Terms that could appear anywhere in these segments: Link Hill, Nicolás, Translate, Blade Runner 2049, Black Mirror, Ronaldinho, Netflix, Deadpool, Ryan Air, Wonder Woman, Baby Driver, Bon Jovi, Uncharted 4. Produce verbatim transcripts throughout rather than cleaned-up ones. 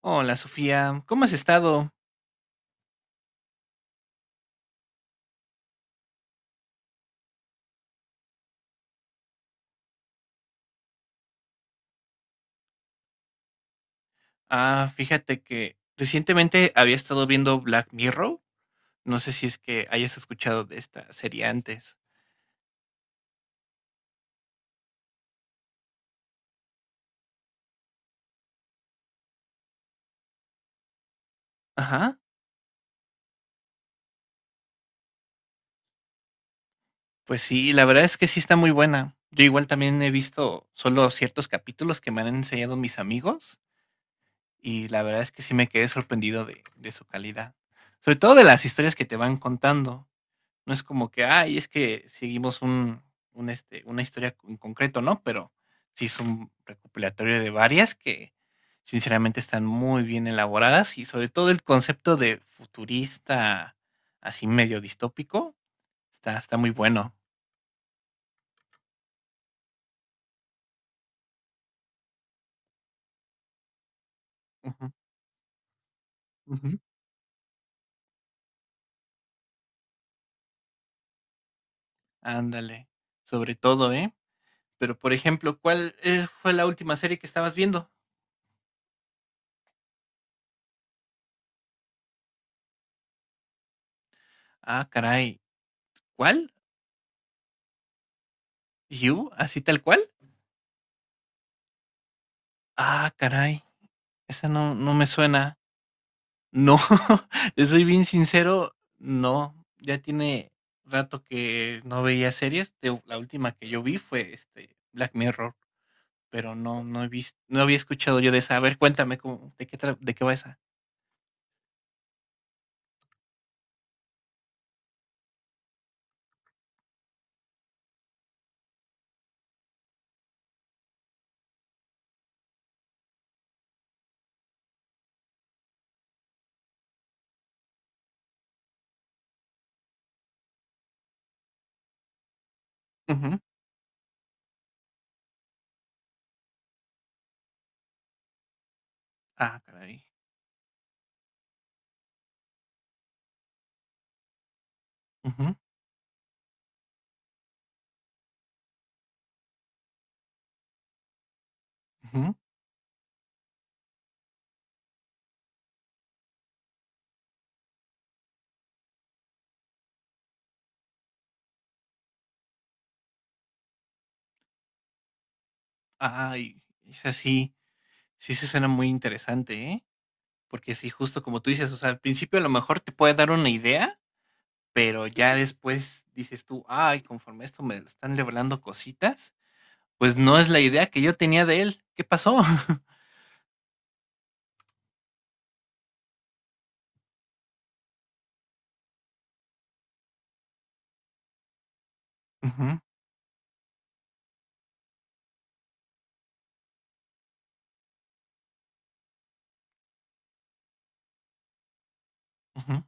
Hola Sofía, ¿cómo has estado? Ah, fíjate que recientemente había estado viendo Black Mirror. No sé si es que hayas escuchado de esta serie antes. Ajá, pues sí, la verdad es que sí está muy buena. Yo igual también he visto solo ciertos capítulos que me han enseñado mis amigos, y la verdad es que sí me quedé sorprendido de, de su calidad. Sobre todo de las historias que te van contando. No es como que, ay, es que seguimos un un, este, una historia en concreto, ¿no? Pero sí es un recopilatorio de varias que sinceramente están muy bien elaboradas, y sobre todo el concepto de futurista, así medio distópico, está está muy bueno. Ujú. Ujú. Ándale, sobre todo, ¿eh? Pero, por ejemplo, ¿cuál, eh, fue la última serie que estabas viendo? Ah, caray, ¿cuál? ¿You? ¿Así tal cual? Ah, caray, esa no no me suena. No, te soy bien sincero, no, ya tiene rato que no veía series, te la última que yo vi fue, este, Black Mirror, pero no no he visto, no había escuchado yo de esa. A ver, cuéntame cómo, ¿de qué tra de qué va esa? Ujú. Ah, caray. Ujú, ujú. Ay, esa sí, sí se suena muy interesante, ¿eh? Porque sí, justo como tú dices, o sea, al principio a lo mejor te puede dar una idea, pero ya después dices tú: "Ay, conforme esto me lo están revelando cositas". Pues no es la idea que yo tenía de él. ¿Qué pasó? Ujú, ujú,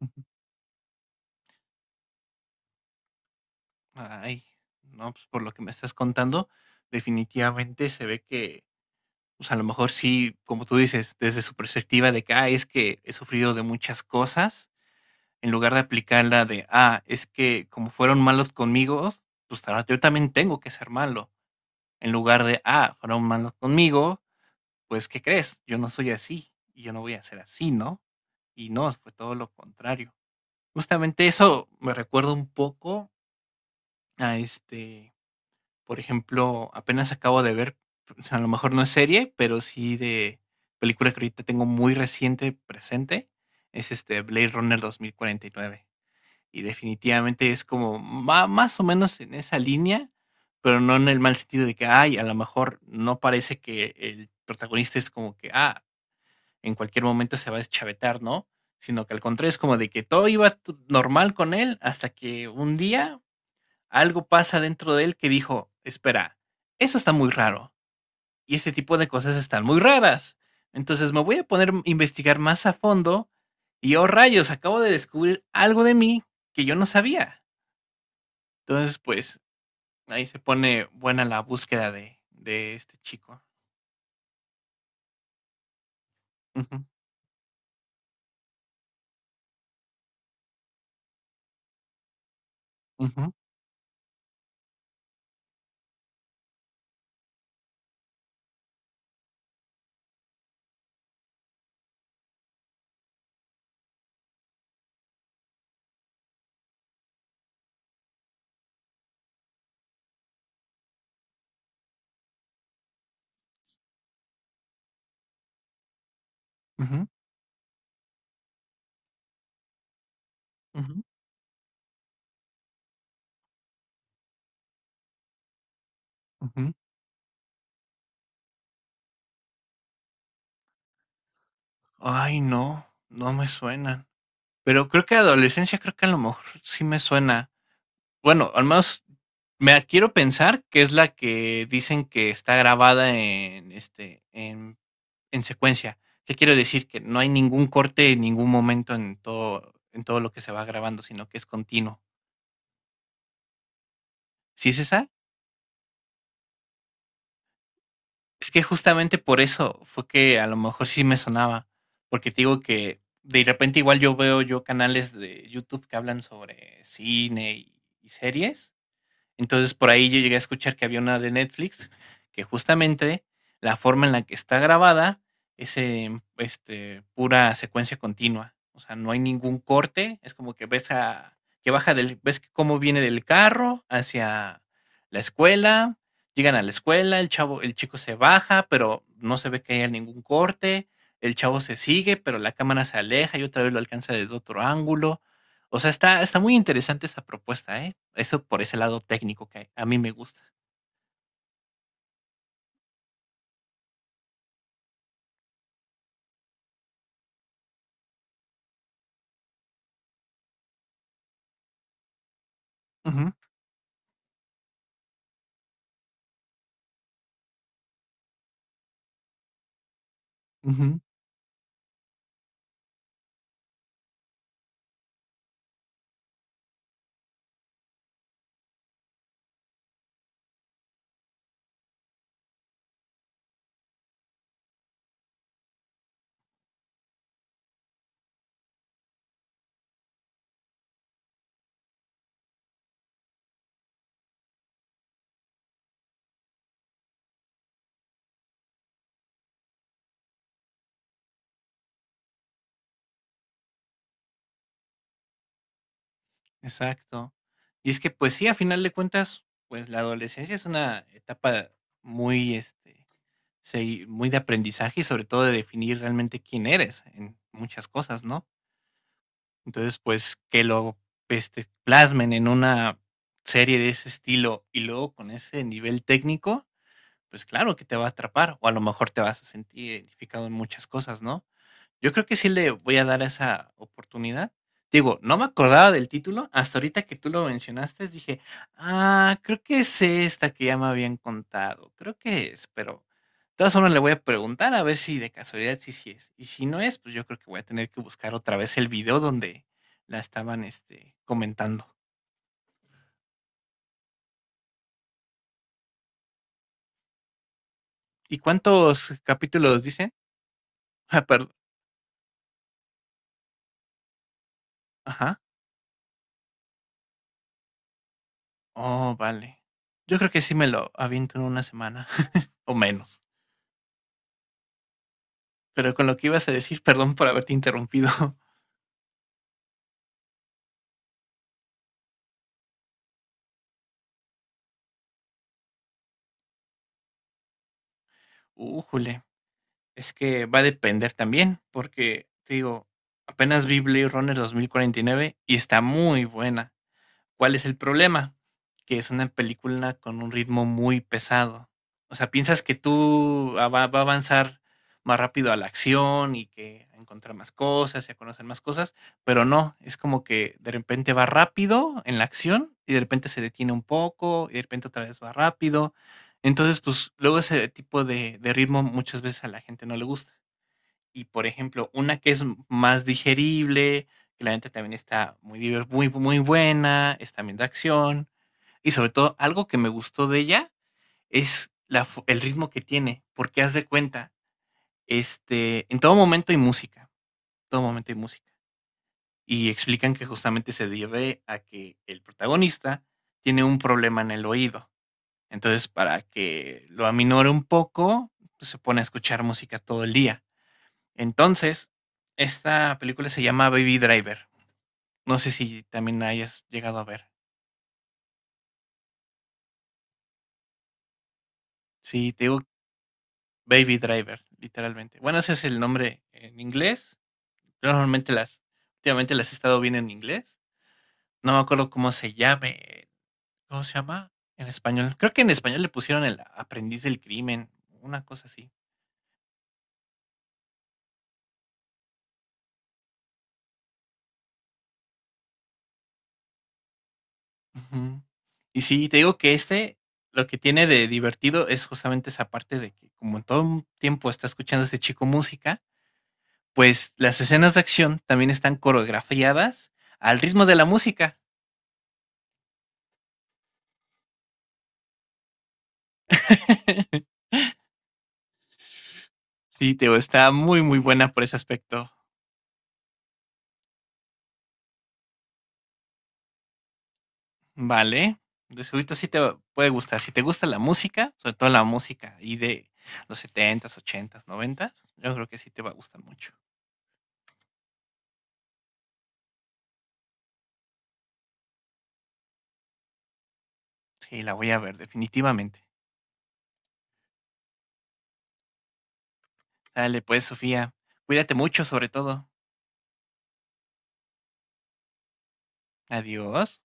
ujú. Ay, no, pues por lo que me estás contando, definitivamente se ve que, pues a lo mejor sí, como tú dices, desde su perspectiva de que, ah, es que he sufrido de muchas cosas, en lugar de aplicarla de, ah, es que como fueron malos conmigo, pues ahora yo también tengo que ser malo, en lugar de, ah, fueron malos conmigo, pues ¿qué crees? Yo no soy así y yo no voy a ser así, ¿no? Y no, fue todo lo contrario. Justamente eso me recuerda un poco a, este, por ejemplo, apenas acabo de ver, o sea, a lo mejor no es serie, pero sí de película, que ahorita tengo muy reciente presente, es este Blade Runner dos mil cuarenta y nueve. Y nueve. Y definitivamente es como ma- más o menos en esa línea, pero no en el mal sentido de que, ay, a lo mejor no parece que el protagonista es como que, ah, en cualquier momento se va a deschavetar, ¿no? Sino que al contrario es como de que todo iba t- normal con él hasta que un día algo pasa dentro de él que dijo, espera, eso está muy raro y este tipo de cosas están muy raras. Entonces me voy a poner a investigar más a fondo y oh rayos, acabo de descubrir algo de mí que yo no sabía. Entonces, pues ahí se pone buena la búsqueda de, de este chico. Ujú, ujú, ujú, ujú, ujú. Ay, no, no me suenan. Pero creo que adolescencia, creo que a lo mejor sí me suena. Bueno, al menos me quiero pensar que es la que dicen que está grabada en este en, en secuencia. ¿Qué quiero decir? Que no hay ningún corte en ningún momento en todo, en todo lo que se va grabando, sino que es continuo. ¿Sí es esa? Es que justamente por eso fue que a lo mejor sí me sonaba. Porque te digo que de repente igual yo veo yo canales de YouTube que hablan sobre cine y, y series. Entonces, por ahí yo llegué a escuchar que había una de Netflix que justamente la forma en la que está grabada es en, este, pura secuencia continua. O sea, no hay ningún corte, es como que ves a que baja del ves que cómo viene del carro hacia la escuela, llegan a la escuela, el chavo el chico se baja, pero no se ve que haya ningún corte, el chavo se sigue, pero la cámara se aleja y otra vez lo alcanza desde otro ángulo. O sea, está está muy interesante esa propuesta, ¿eh? Eso por ese lado técnico que a mí me gusta. Ujú, ujú, exacto. Y es que, pues sí, a final de cuentas, pues la adolescencia es una etapa muy, este, segui muy de aprendizaje y sobre todo de definir realmente quién eres en muchas cosas, ¿no? Entonces, pues que lo, este, plasmen en una serie de ese estilo y luego con ese nivel técnico, pues claro que te va a atrapar o a lo mejor te vas a sentir identificado en muchas cosas, ¿no? Yo creo que sí le voy a dar esa oportunidad. Digo, no me acordaba del título, hasta ahorita que tú lo mencionaste, dije: "Ah, creo que es esta que ya me habían contado, creo que es", pero de todas formas le voy a preguntar a ver si de casualidad sí, sí es. Y si no es, pues yo creo que voy a tener que buscar otra vez el video donde la estaban, este, comentando. ¿Y cuántos capítulos dicen? Ah, perdón. Ajá. Oh, vale. Yo creo que sí me lo aviento en una semana o menos. Pero con lo que ibas a decir, perdón por haberte interrumpido. Újule, es que va a depender también, porque te digo, apenas vi Blade Runner dos mil cuarenta y nueve y nueve y está muy buena. ¿Cuál es el problema? Que es una película con un ritmo muy pesado. O sea, piensas que tú va, va a avanzar más rápido a la acción y que a encontrar más cosas y a conocer más cosas, pero no, es como que de repente va rápido en la acción y de repente se detiene un poco y de repente otra vez va rápido. Entonces, pues luego ese tipo de, de ritmo muchas veces a la gente no le gusta. Y, por ejemplo, una que es más digerible, que la neta también está muy, diver- muy, muy buena, es también de acción. Y sobre todo, algo que me gustó de ella es la, fo- el ritmo que tiene, porque haz de cuenta, este, en todo momento hay música, todo momento hay música. Y explican que justamente se debe a que el protagonista tiene un problema en el oído. Entonces, para que lo aminore un poco, pues, se pone a escuchar música todo el día. Entonces, esta película se llama Baby Driver. No sé si también la hayas llegado a ver. Sí, te digo, Baby Driver, literalmente. Bueno, ese es el nombre en inglés. Yo normalmente las, últimamente las he estado viendo en inglés. No me acuerdo cómo se llame. ¿Cómo se llama en español? Creo que en español le pusieron El Aprendiz del Crimen, una cosa así. Ujú. Y sí, te digo que este lo que tiene de divertido es justamente esa parte de que como en todo un tiempo está escuchando a este chico música, pues las escenas de acción también están coreografiadas al ritmo de la música. Sí, Teo, está muy, muy buena por ese aspecto. Vale. De seguro sí te puede gustar. Si te gusta la música, sobre todo la música y de los setentas, ochentas, noventas, yo creo que sí te va a gustar mucho. Sí, la voy a ver definitivamente. Dale, pues, Sofía. Cuídate mucho, sobre todo. Adiós.